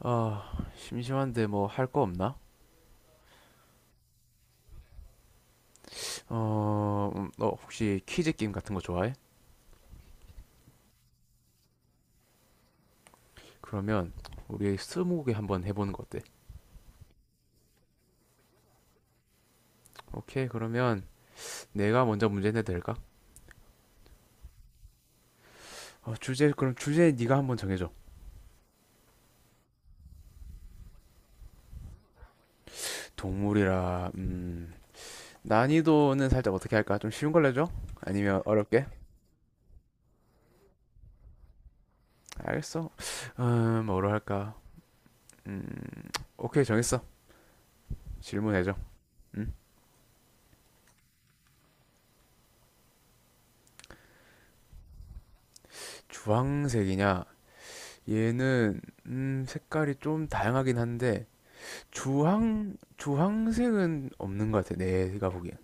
아, 심심한데 뭐 할 거 없나? 너 혹시 퀴즈 게임 같은 거 좋아해? 그러면 우리 스무고개 한번 해보는 거 어때? 오케이, 그러면 내가 먼저 문제 내도 될까? 주제, 그럼 주제 네가 한번 정해줘. 동물이라, 난이도는 살짝 어떻게 할까? 좀 쉬운 걸로 줘 아니면 어렵게? 알겠어. 뭐로 할까? 음, 오케이, 정했어. 질문해줘. 음, 주황색이냐? 얘는, 색깔이 좀 다양하긴 한데, 주황 주황색은 없는 것 같아 내가 보기엔.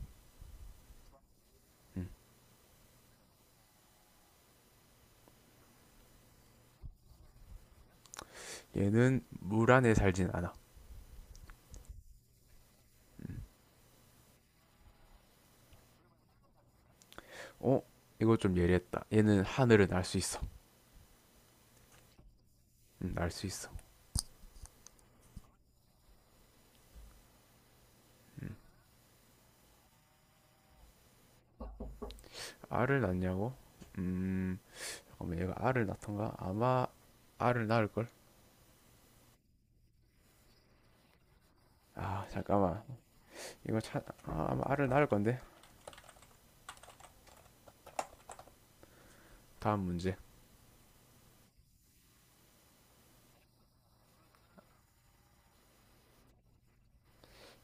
얘는 물 안에 살진 않아. 어, 이거 좀 예리했다. 얘는 하늘을 날 수 있어. 음날 수 있어. 알을 낳냐고. 음 잠깐만, 얘가 알을 낳던가, 아마 알을 낳을 걸아 잠깐만, 이거 차 아, 아마 알을 낳을 건데. 다음 문제.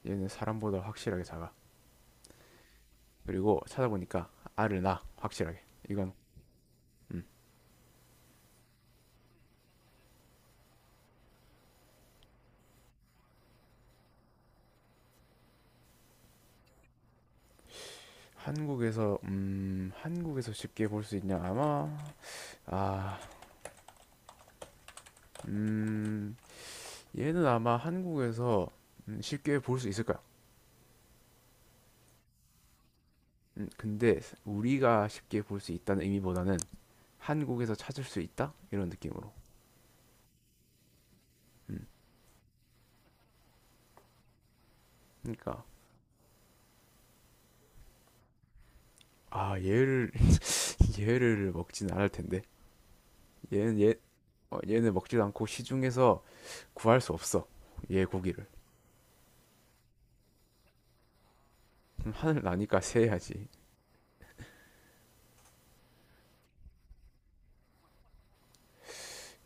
얘는 사람보다 확실하게 작아. 그리고 찾아보니까 알을 낳아 확실하게. 이건 음. 한국에서 쉽게 볼 수 있냐. 아마 아 음, 얘는 아마 한국에서 쉽게 볼 수 있을 까요 근데 우리가 쉽게 볼 수 있다는 의미보다는 한국에서 찾을 수 있다? 이런 느낌으로. 음, 그러니까. 아, 얘를 얘를 먹진 않을 텐데. 얘는 얘 어, 얘는 먹지도 않고 시중에서 구할 수 없어. 얘 고기를. 하늘 나니까 새야지.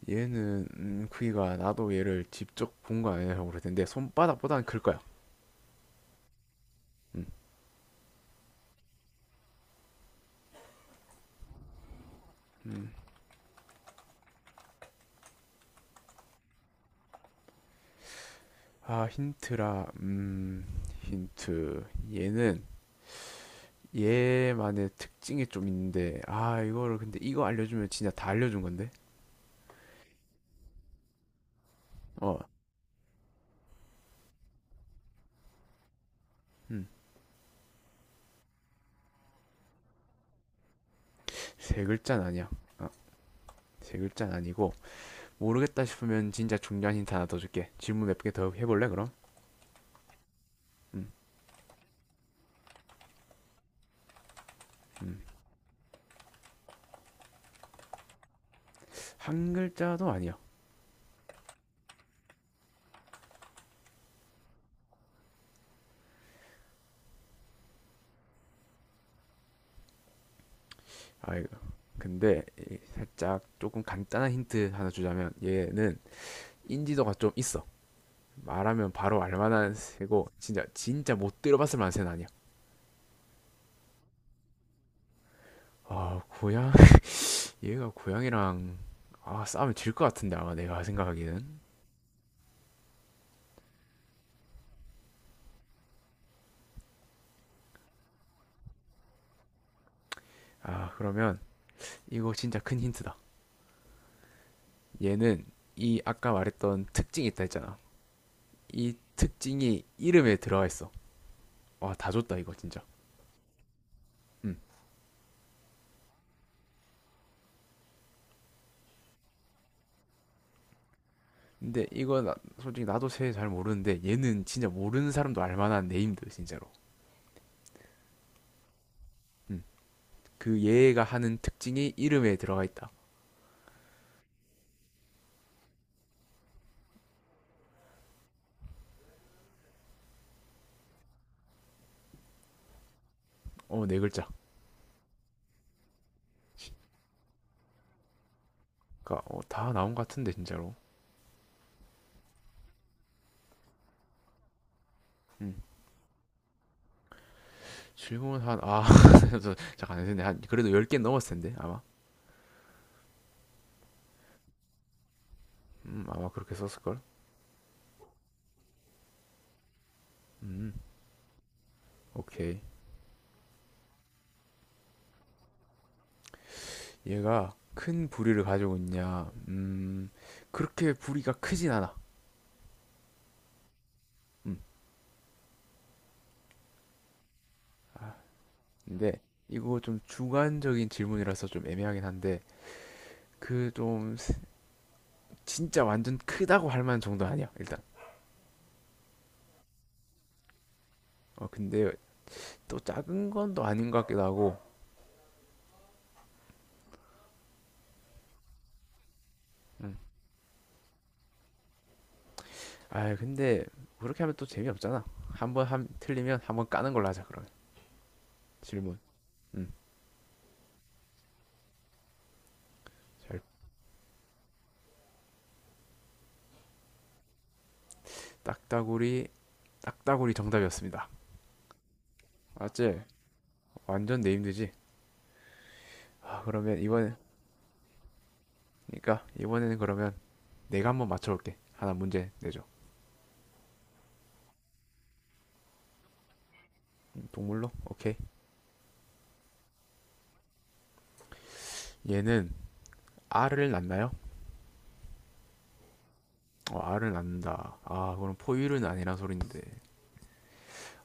얘는 크기가, 나도 얘를 직접 본 거 아니라고 그럴 텐데 손바닥보다는 클 거야. 음. 아, 힌트라. 힌트. 얘는 얘만의 특징이 좀 있는데, 아, 이거 알려주면 진짜 다 알려준 건데? 어, 음, 세 글자는 아니야. 어, 세 글자는 아니고, 모르겠다 싶으면 진짜 중요한 힌트 하나 더 줄게. 질문 몇 개 더 해볼래, 그럼? 음, 음. 한 글자도 아니야. 아이고. 근데 이 살짝 조금 간단한 힌트 하나 주자면, 얘는 인지도가 좀 있어. 말하면 바로 알만한 새고, 진짜 못 들어봤을 만한 새는 아니야. 아, 고양, 얘가 고양이랑, 아, 싸우면 질 것 같은데, 아마 내가 생각하기는. 아, 그러면, 이거 진짜 큰 힌트다. 얘는, 이 아까 말했던 특징이 있다 했잖아. 이 특징이 이름에 들어가 있어. 와, 다 줬다, 이거 진짜. 음. 근데 이거, 나- 솔직히 나도 새 잘 모르는데, 얘는 진짜 모르는 사람도 알만한 네임드, 진짜로. 음. 그 얘가 하는 특징이 이름에 들어가 있다. 어, 네 글자. 그니까, 어, 다 나온 것 같은데, 진짜로. 음. 질문 한, 아, 저- 잠깐 안 했네. 한, 그래도 10개 넘었을 텐데, 아마. 아마 그렇게 썼을걸? 음, 오케이. 얘가 큰 부리를 가지고 있냐? 그렇게 부리가 크진 않아. 음, 근데 이거 좀 주관적인 질문이라서 좀 애매하긴 한데, 그 좀, 진짜 완전 크다고 할 만한 정도 아니야, 일단. 어, 근데 또 작은 건 또 아닌 것 같기도 하고. 음. 아, 근데 그렇게 하면 또 재미없잖아. 틀리면 한 번 까는 걸로 하자, 그러면. 질문. 음, 잘. 딱따구리. 딱따구리 정답이었습니다. 맞지? 완전 내힘들지. 아, 그러면 이번에. 그러니까 이번에는 그러면 내가 한번 맞춰볼게. 하나 문제 내줘. 동물로? 오케이. 얘는 알을 낳나요? 어, 알을 낳는다. 아, 그럼 포유류는 아니란 소린데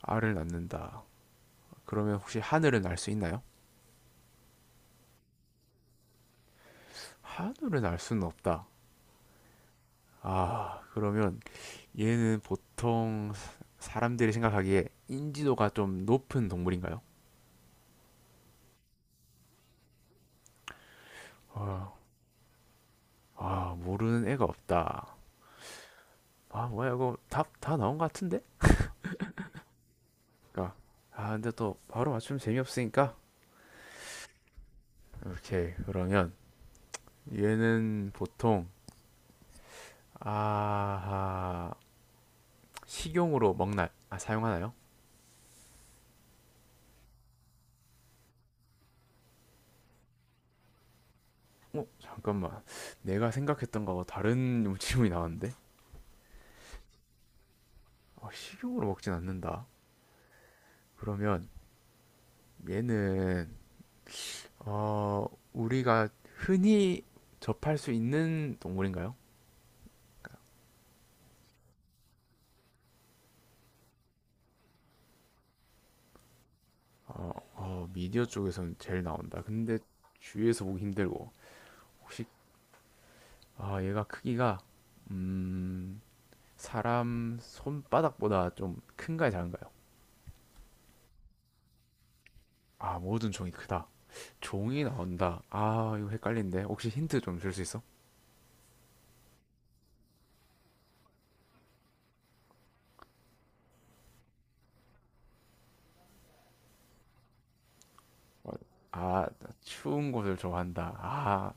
알을 낳는다. 그러면 혹시 하늘을 날 수 있나요? 하늘을 날 수는 없다. 아, 그러면 얘는 보통 사- 사람들이 생각하기에 인지도가 좀 높은 동물인가요? 아, 아, 모르는 애가 없다. 아, 뭐야, 이거 답 다 나온 것 같은데? 아, 아, 근데 또 바로 맞추면 재미없으니까. 오케이, 그러면 얘는 보통, 아, 식용으로 먹나, 아, 사용하나요? 어, 잠깐만. 내가 생각했던 거하고 다른 질문이 나왔는데? 어, 식용으로 먹진 않는다. 그러면 얘는, 어, 우리가 흔히 접할 수 있는 동물인가요? 미디어 쪽에서는 제일 나온다. 근데 주위에서 보기 힘들고. 혹시, 아, 얘가 크기가, 음, 사람 손바닥보다 좀 큰가요, 작은가요? 아, 모든 종이 크다. 종이 나온다. 아, 이거 헷갈린데. 혹시 힌트 좀 줄 수 있어? 어, 아, 나 추운 곳을 좋아한다. 아,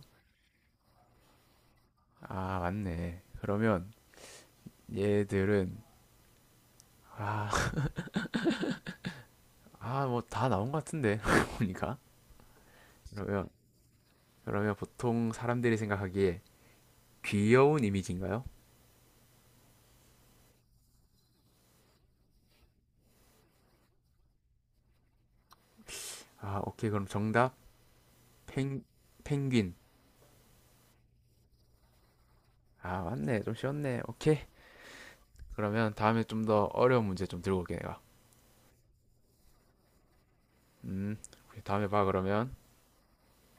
아, 맞네. 그러면 얘들은, 아, 아, 뭐 다 나온 것 같은데. 보니까. 그러면, 그러면 보통 사람들이 생각하기에 귀여운 이미지인가요? 아, 오케이. 그럼 정답. 펭, 펭귄. 아, 맞네. 좀 쉬웠네. 오케이. 그러면 다음에 좀 더 어려운 문제 좀 들고 올게 내가. 음, 다음에 봐 그러면.